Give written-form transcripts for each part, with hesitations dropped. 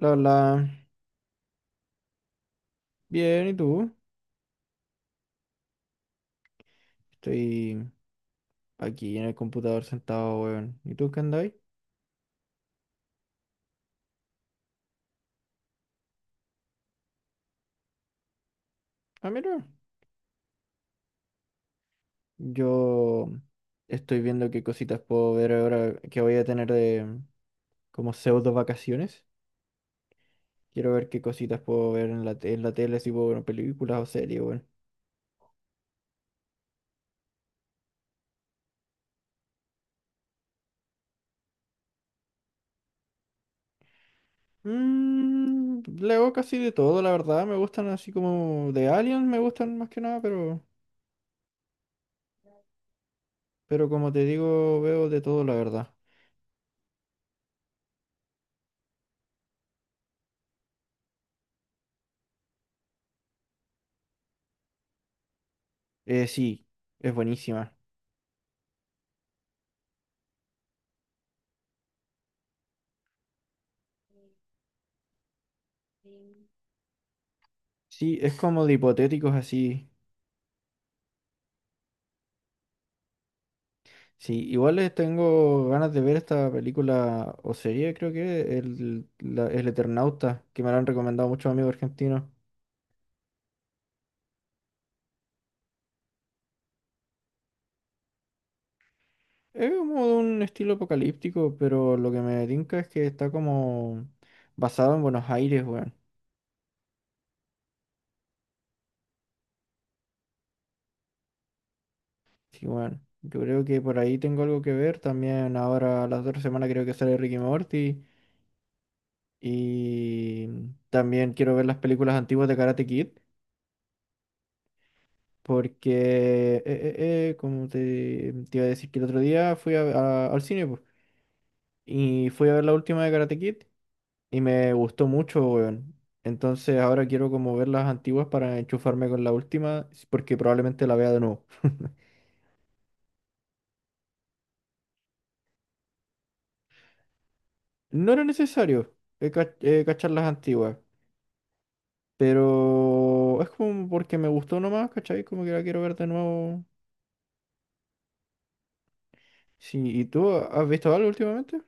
La verdad, bien, ¿y tú? Estoy aquí en el computador sentado, weón. ¿Y tú qué andáis? Ah, mira, yo estoy viendo qué cositas puedo ver ahora que voy a tener de como pseudo vacaciones. Quiero ver qué cositas puedo ver en la tele, si puedo ver películas o series, weón. Leo casi de todo, la verdad. Me gustan así como de Aliens, me gustan más que nada, pero como te digo, veo de todo, la verdad. Sí, es buenísima. Sí, es como de hipotéticos así. Sí, igual les tengo ganas de ver esta película o serie, creo que, El Eternauta, que me la han recomendado muchos amigos argentinos. Es como de un estilo apocalíptico, pero lo que me tinca es que está como basado en Buenos Aires, weón. Sí, bueno, yo creo que por ahí tengo algo que ver. También ahora, la otra semana creo que sale Ricky Morty. Y también quiero ver las películas antiguas de Karate Kid. Porque, como te iba a decir que el otro día al cine, po, y fui a ver la última de Karate Kid y me gustó mucho, weón. Entonces ahora quiero como ver las antiguas para enchufarme con la última, porque probablemente la vea de nuevo. No era necesario cachar las antiguas, pero es como porque me gustó nomás, ¿cachai? Como que la quiero ver de nuevo. Sí, ¿y tú has visto algo últimamente?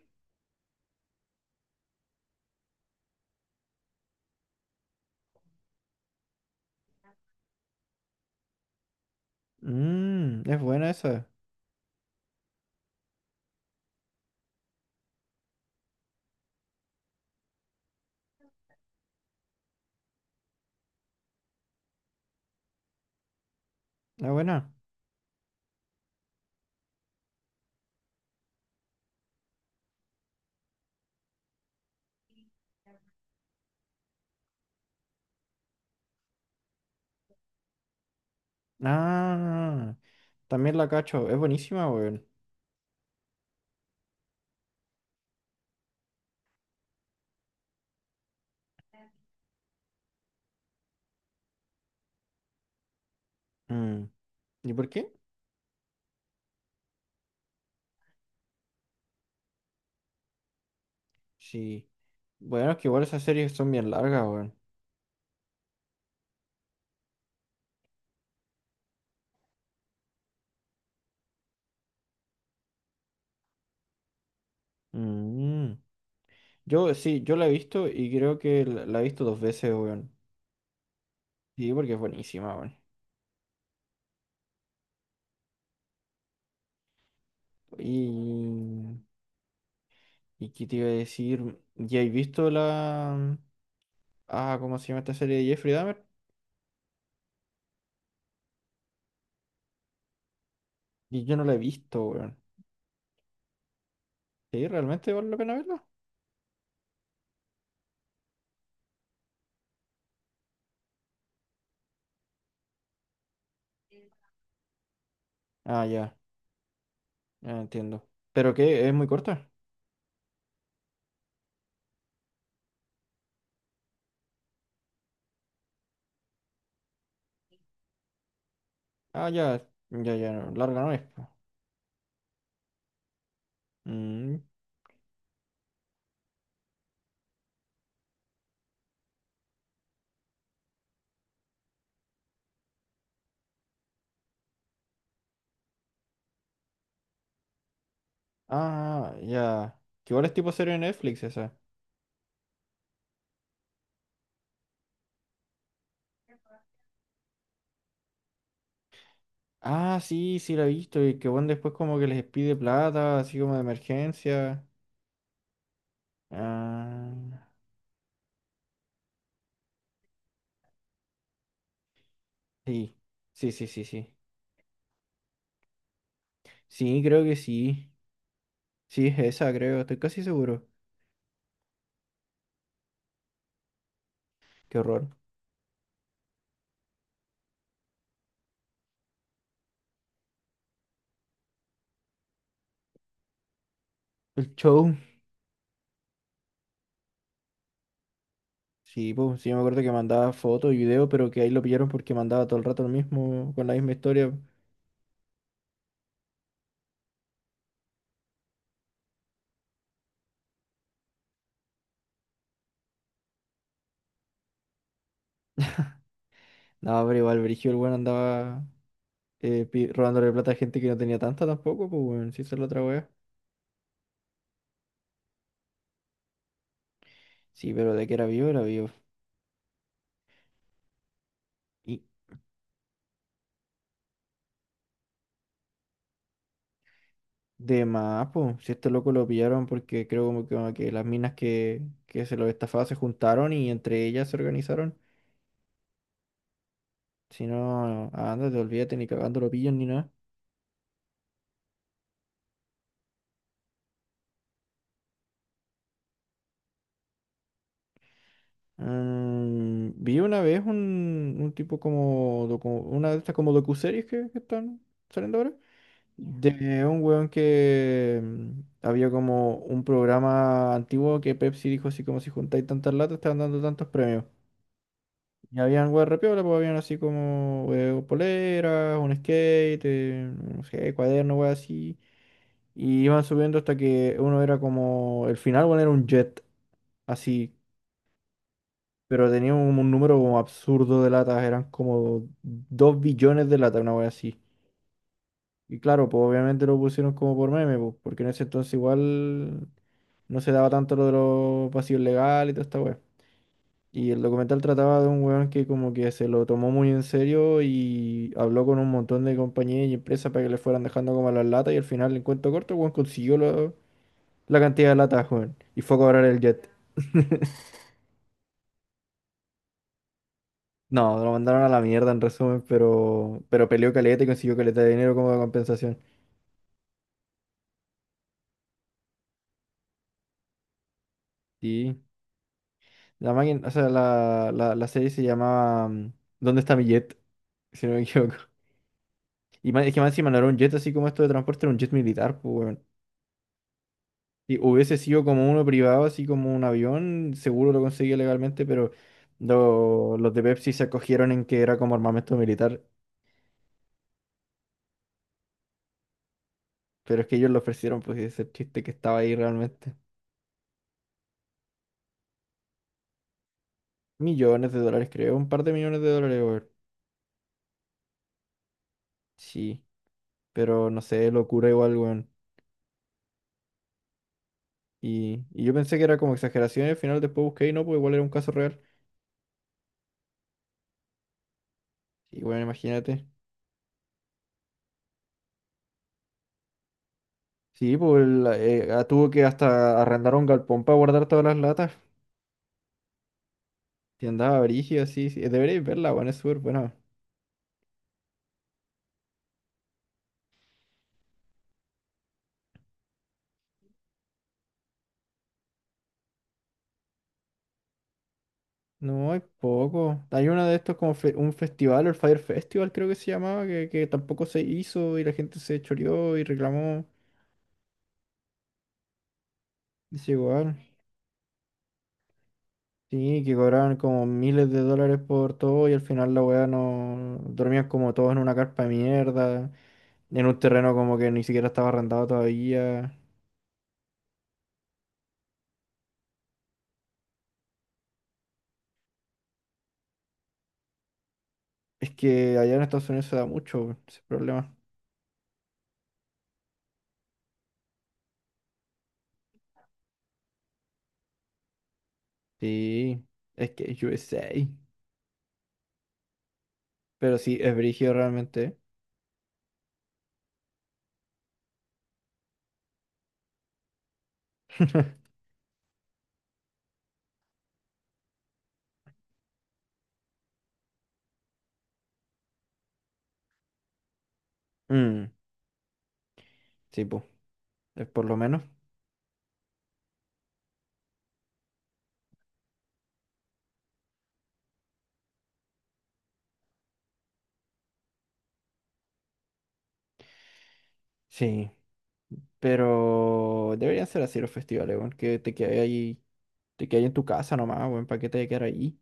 Es buena esa, es buena. Ah. También la cacho, es buenísima, weón. Mm, ¿Y por qué? Sí. Bueno, es que igual esas series son bien largas, weón. Mm. Yo sí, yo la he visto y creo que la he visto dos veces, weón. Sí, porque es buenísima, weón. Y, ¿y qué te iba a decir? ¿Ya he visto la... Ah, ¿cómo se llama esta serie de Jeffrey Dahmer? Y yo no la he visto, weón. ¿Sí? ¿Realmente vale la pena verla? Ah, ya, ya entiendo. ¿Pero qué? ¿Es muy corta? Ah, ya, ya, ya, no, larga no es, po. Mm, ah, ya. Que igual es tipo serie de Netflix esa. Ah, sí, sí la he visto. Y que bueno, después como que les pide plata, así como de emergencia. Ah, sí. Sí, sí, sí, sí. Sí, creo que sí. Sí, es esa, creo. Estoy casi seguro. Qué horror. El show. Sí, pues, sí, me acuerdo que mandaba fotos y videos, pero que ahí lo pillaron porque mandaba todo el rato lo mismo, con la misma historia. No, pero igual, Brigio, el weón andaba robándole plata a gente que no tenía tanta tampoco, pues, weón. Sí, esa es la otra weá. Sí, pero de que era vivo, era vivo. Y de más, po, si este loco lo pillaron porque creo como que las minas que se lo estafaban se juntaron y entre ellas se organizaron. Si no, ah, ándate, olvídate, ni cagando lo pillan ni nada. Vi una vez un tipo como, una de estas como docuseries que están saliendo ahora. De un weón que había como un programa antiguo que Pepsi dijo así como si juntáis tantas latas, te van dando tantos premios. Y habían weas re pues habían así como poleras, un skate, no sé, cuaderno, weas así. Y iban subiendo hasta que uno era como el final. Bueno, era un jet, así. Pero tenía un número como absurdo de latas, eran como 2 billones de latas, una wea así. Y claro, pues obviamente lo pusieron como por meme, pues, porque en ese entonces igual no se daba tanto lo de los vacíos legales y toda esta wea. Y el documental trataba de un weón que como que se lo tomó muy en serio y habló con un montón de compañías y empresas para que le fueran dejando como las latas y al final, en cuento corto, el weón consiguió la cantidad de latas, weón. Y fue a cobrar el jet. No, lo mandaron a la mierda en resumen, pero peleó caleta y consiguió caleta de dinero como de compensación. Sí. La máquina, o sea, la serie se llamaba ¿dónde está mi jet? Si no me equivoco. Y es que más encima no era un jet así como esto de transporte, era un jet militar, pues, weón. Si hubiese sido como uno privado, así como un avión, seguro lo conseguía legalmente, pero los de Pepsi se acogieron en que era como armamento militar. Pero es que ellos lo ofrecieron, pues ese es el chiste que estaba ahí realmente. Millones de dólares, creo, un par de millones de dólares, weón. Sí, pero no sé, locura igual, weón. Y yo pensé que era como exageración y al final después busqué y no, pues igual era un caso real. Y bueno, imagínate. Sí, pues tuvo que hasta arrendar un galpón para guardar todas las latas. Y andaba brígida, sí, sí. Deberéis verla, weón, es súper buena. No, es poco. Hay uno de estos como un festival, el Fire Festival creo que se llamaba, que tampoco se hizo y la gente se choreó y reclamó. Es igual. Sí, que cobraban como miles de dólares por todo y al final la weá no. Dormían como todos en una carpa de mierda, en un terreno como que ni siquiera estaba arrendado todavía. Es que allá en Estados Unidos se da mucho ese problema. Sí, es que es USA. Pero sí, es brígido realmente. Mm, sí, pues, es por lo menos. Sí, pero deberían ser así los festivales, weón, que te quedes ahí, te quedes en tu casa nomás, weón, para que te vayas a quedar ahí.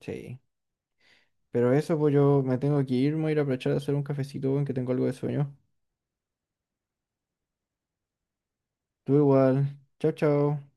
Sí, pero eso, pues yo me tengo que ir, me voy a ir a aprovechar de hacer un cafecito, weón, que tengo algo de sueño. Tú igual, chao, chao.